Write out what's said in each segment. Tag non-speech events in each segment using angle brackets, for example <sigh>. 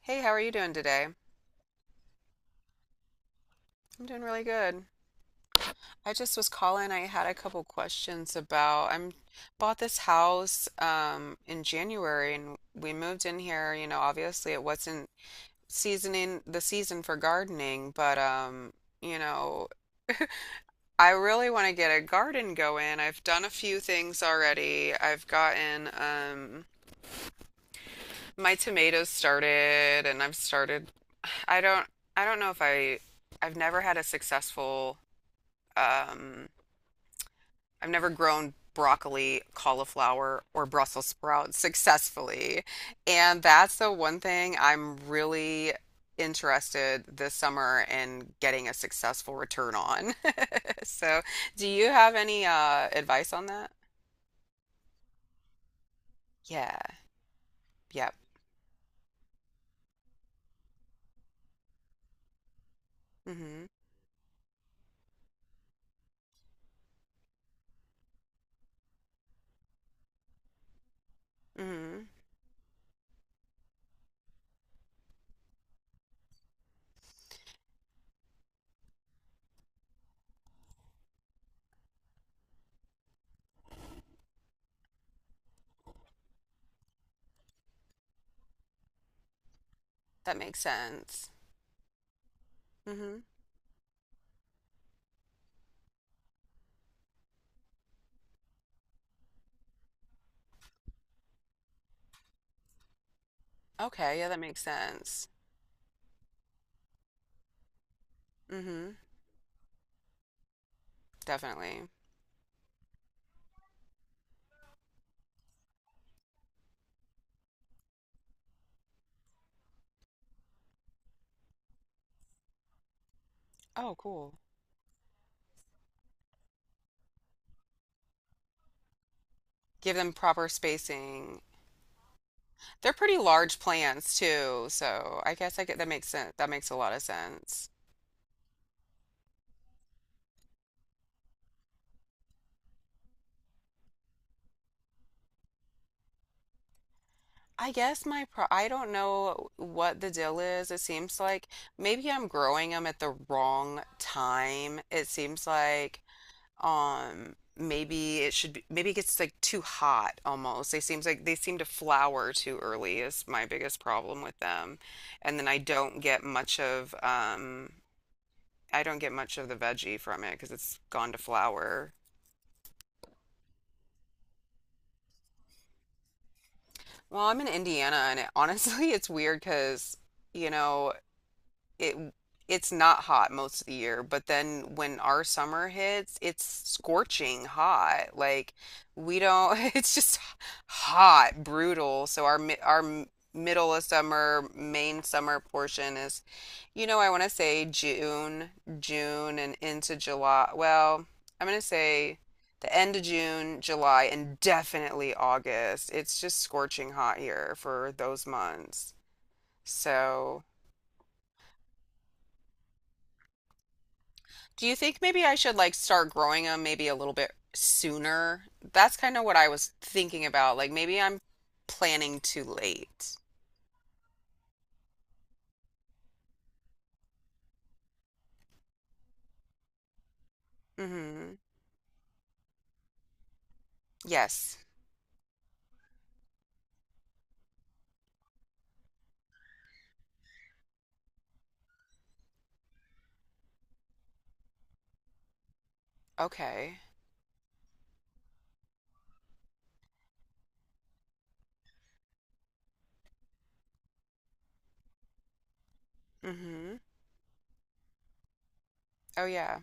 Hey, how are you doing today? I'm doing really good. I just was calling. I had a couple questions about I'm bought this house in January and we moved in here, you know, obviously it wasn't seasoning the season for gardening, but you know, I really want to get a garden going. I've done a few things already. I've gotten my tomatoes started and I don't I don't know if I I've never had a successful um I've never grown broccoli, cauliflower, or Brussels sprouts successfully. And that's the one thing I'm really interested this summer in getting a successful return on. <laughs> So, do you have any advice on that? Yeah. Yep. Mm-hmm. Mm-hmm. That makes sense. Mm-hmm. Okay. Yeah, that makes sense. Mm-hmm. Definitely. Oh, cool. Give them proper spacing. They're pretty large plans too, so I guess I get that makes sense. That makes a lot of sense. I guess my pro I don't know what the deal is. It seems like maybe I'm growing them at the wrong time. It seems like maybe it gets like too hot almost. They seem to flower too early is my biggest problem with them. And then I don't get much of the veggie from it because it's gone to flower. Well, I'm in Indiana, and it, honestly, <laughs> it's weird because, you know, it it's not hot most of the year, but then when our summer hits, it's scorching hot. Like we don't, <laughs> it's just hot, brutal. So our middle of summer, main summer portion is, you know, I want to say June and into July. Well, I'm going to say the end of June, July, and definitely August. It's just scorching hot here for those months. So do you think maybe I should like start growing them maybe a little bit sooner? That's kind of what I was thinking about. Like maybe I'm planning too late. Mm-hmm. Yes. Okay. Mm-hmm. Oh yeah.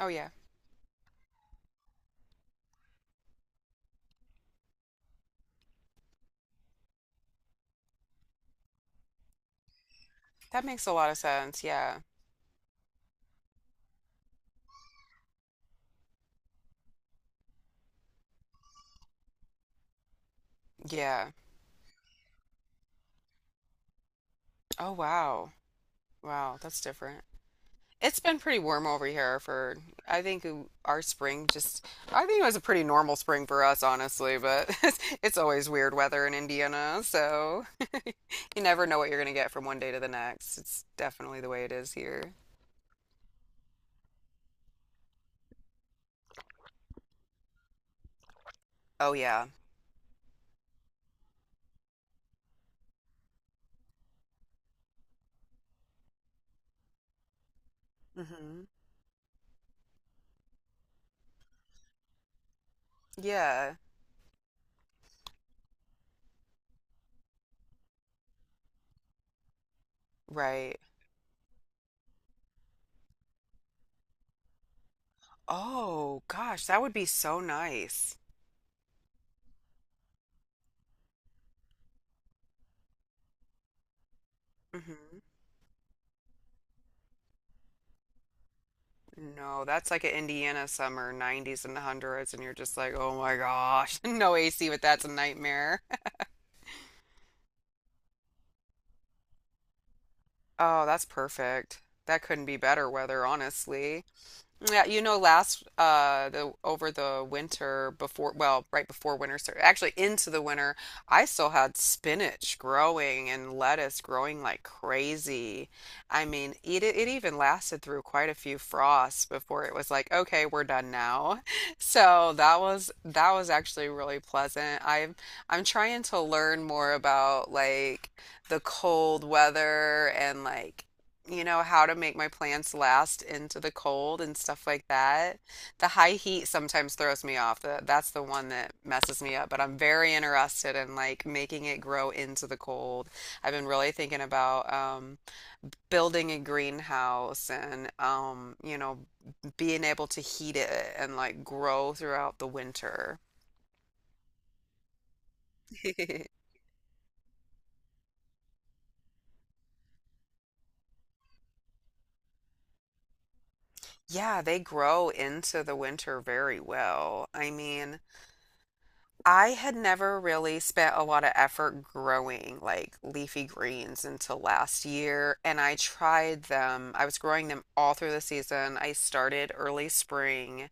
Oh yeah. That makes a lot of sense. Yeah. Yeah. Oh wow. Wow, that's different. It's been pretty warm over here for I think w- our spring just I think it was a pretty normal spring for us honestly, but <laughs> it's always weird weather in Indiana, so you never know what you're going to get from one day to the next. It's definitely the way it is here. Oh, yeah. Hmm. Yeah, right. Oh, gosh, that would be so nice. Hmm. No, that's like an Indiana summer, 90s and 100s, and you're just like, oh my gosh, <laughs> no AC, but that's a nightmare. <laughs> Oh, that's perfect. That couldn't be better weather, honestly. Yeah, you know, last the over the winter before, well, right before winter started, actually into the winter, I still had spinach growing and lettuce growing like crazy. I mean, it even lasted through quite a few frosts before it was like, okay, we're done now. <laughs> So that was actually really pleasant. I'm trying to learn more about like the cold weather and like, you know, how to make my plants last into the cold and stuff like that. The high heat sometimes throws me off. That's the one that messes me up, but I'm very interested in like making it grow into the cold. I've been really thinking about building a greenhouse and you know, being able to heat it and like grow throughout the winter. <laughs> Yeah, they grow into the winter very well. I mean, I had never really spent a lot of effort growing like leafy greens until last year, and I tried them. I was growing them all through the season. I started early spring.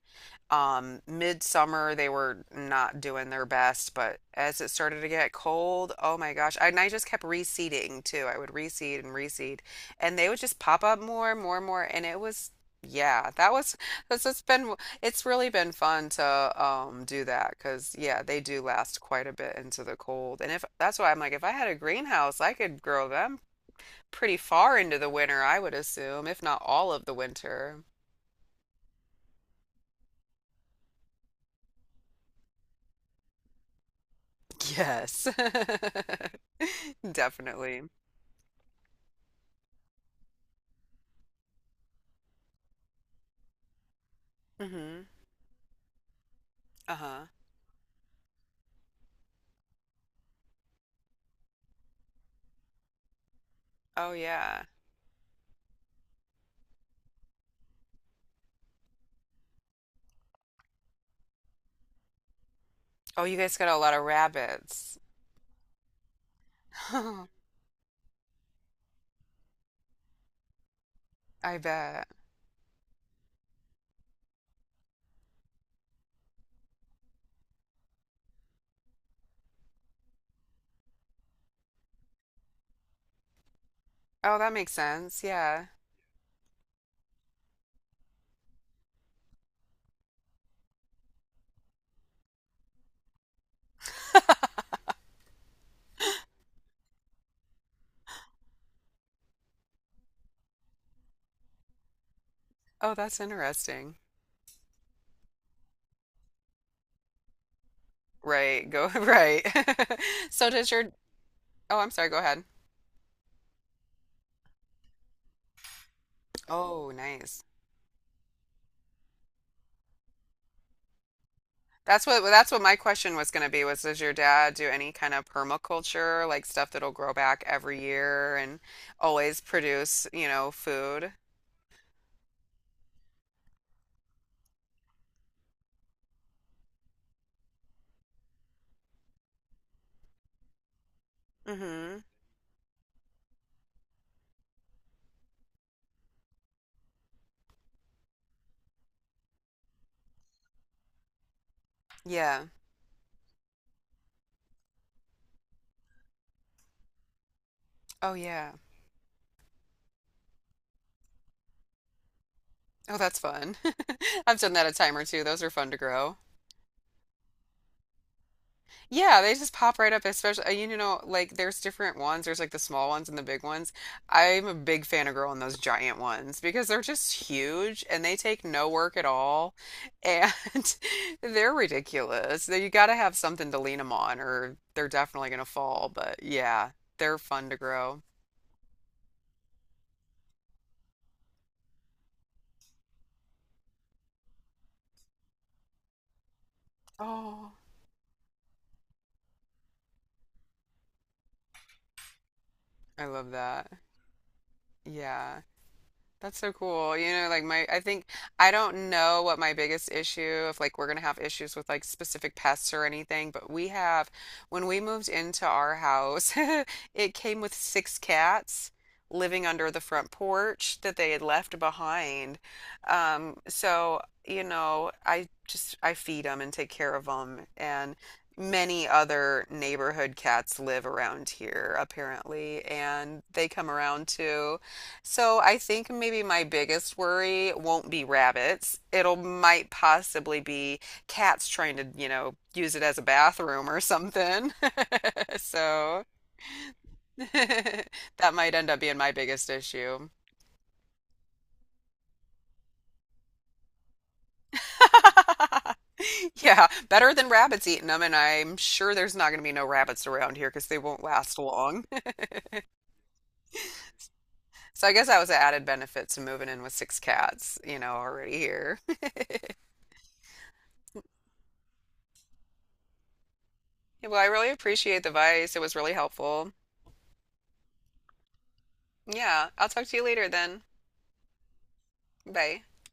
Midsummer, they were not doing their best, but as it started to get cold, oh my gosh. And I just kept reseeding too. I would reseed and reseed, and they would just pop up more and more and more. And it was, yeah, that was, that's it's been, it's really been fun to do that because, yeah, they do last quite a bit into the cold. And if that's why I'm like, if I had a greenhouse, I could grow them pretty far into the winter, I would assume, if not all of the winter. Yes. <laughs> Definitely. Hmm. Uh-huh. Oh yeah. Oh, you guys got a lot of rabbits. <laughs> I bet. Oh, that makes sense. Yeah. Oh, that's interesting. Right. Go <laughs> right. <laughs> So does your Oh, I'm sorry, go ahead. Oh, nice. That's what well, that's what my question was going to be was does your dad do any kind of permaculture, like stuff that'll grow back every year and always produce, you know, food? Mm-hmm. Yeah. Oh, yeah. Oh, that's fun. <laughs> I've done that a time or two. Those are fun to grow. Yeah, they just pop right up, especially, you know, like there's different ones. There's like the small ones and the big ones. I'm a big fan of growing those giant ones because they're just huge and they take no work at all. And <laughs> they're ridiculous. You gotta have something to lean them on or they're definitely gonna fall. But yeah, they're fun to grow. Oh, I love that. Yeah. That's so cool. You know, like I think I don't know what my biggest issue, if like we're gonna have issues with like specific pests or anything, but we have, when we moved into our house, <laughs> it came with six cats living under the front porch that they had left behind. So, you know, I feed them and take care of them. And many other neighborhood cats live around here, apparently, and they come around too. So I think maybe my biggest worry won't be rabbits. It'll might possibly be cats trying to, you know, use it as a bathroom or something. <laughs> So <laughs> that might end up being my biggest issue. <laughs> Yeah, better than rabbits eating them, and I'm sure there's not going to be no rabbits around here because they won't last long. <laughs> So I guess that was an added benefit to moving in with six cats, you know, already here. <laughs> Well, I really appreciate the advice. It was really helpful. Yeah. I'll talk to you later then. Bye.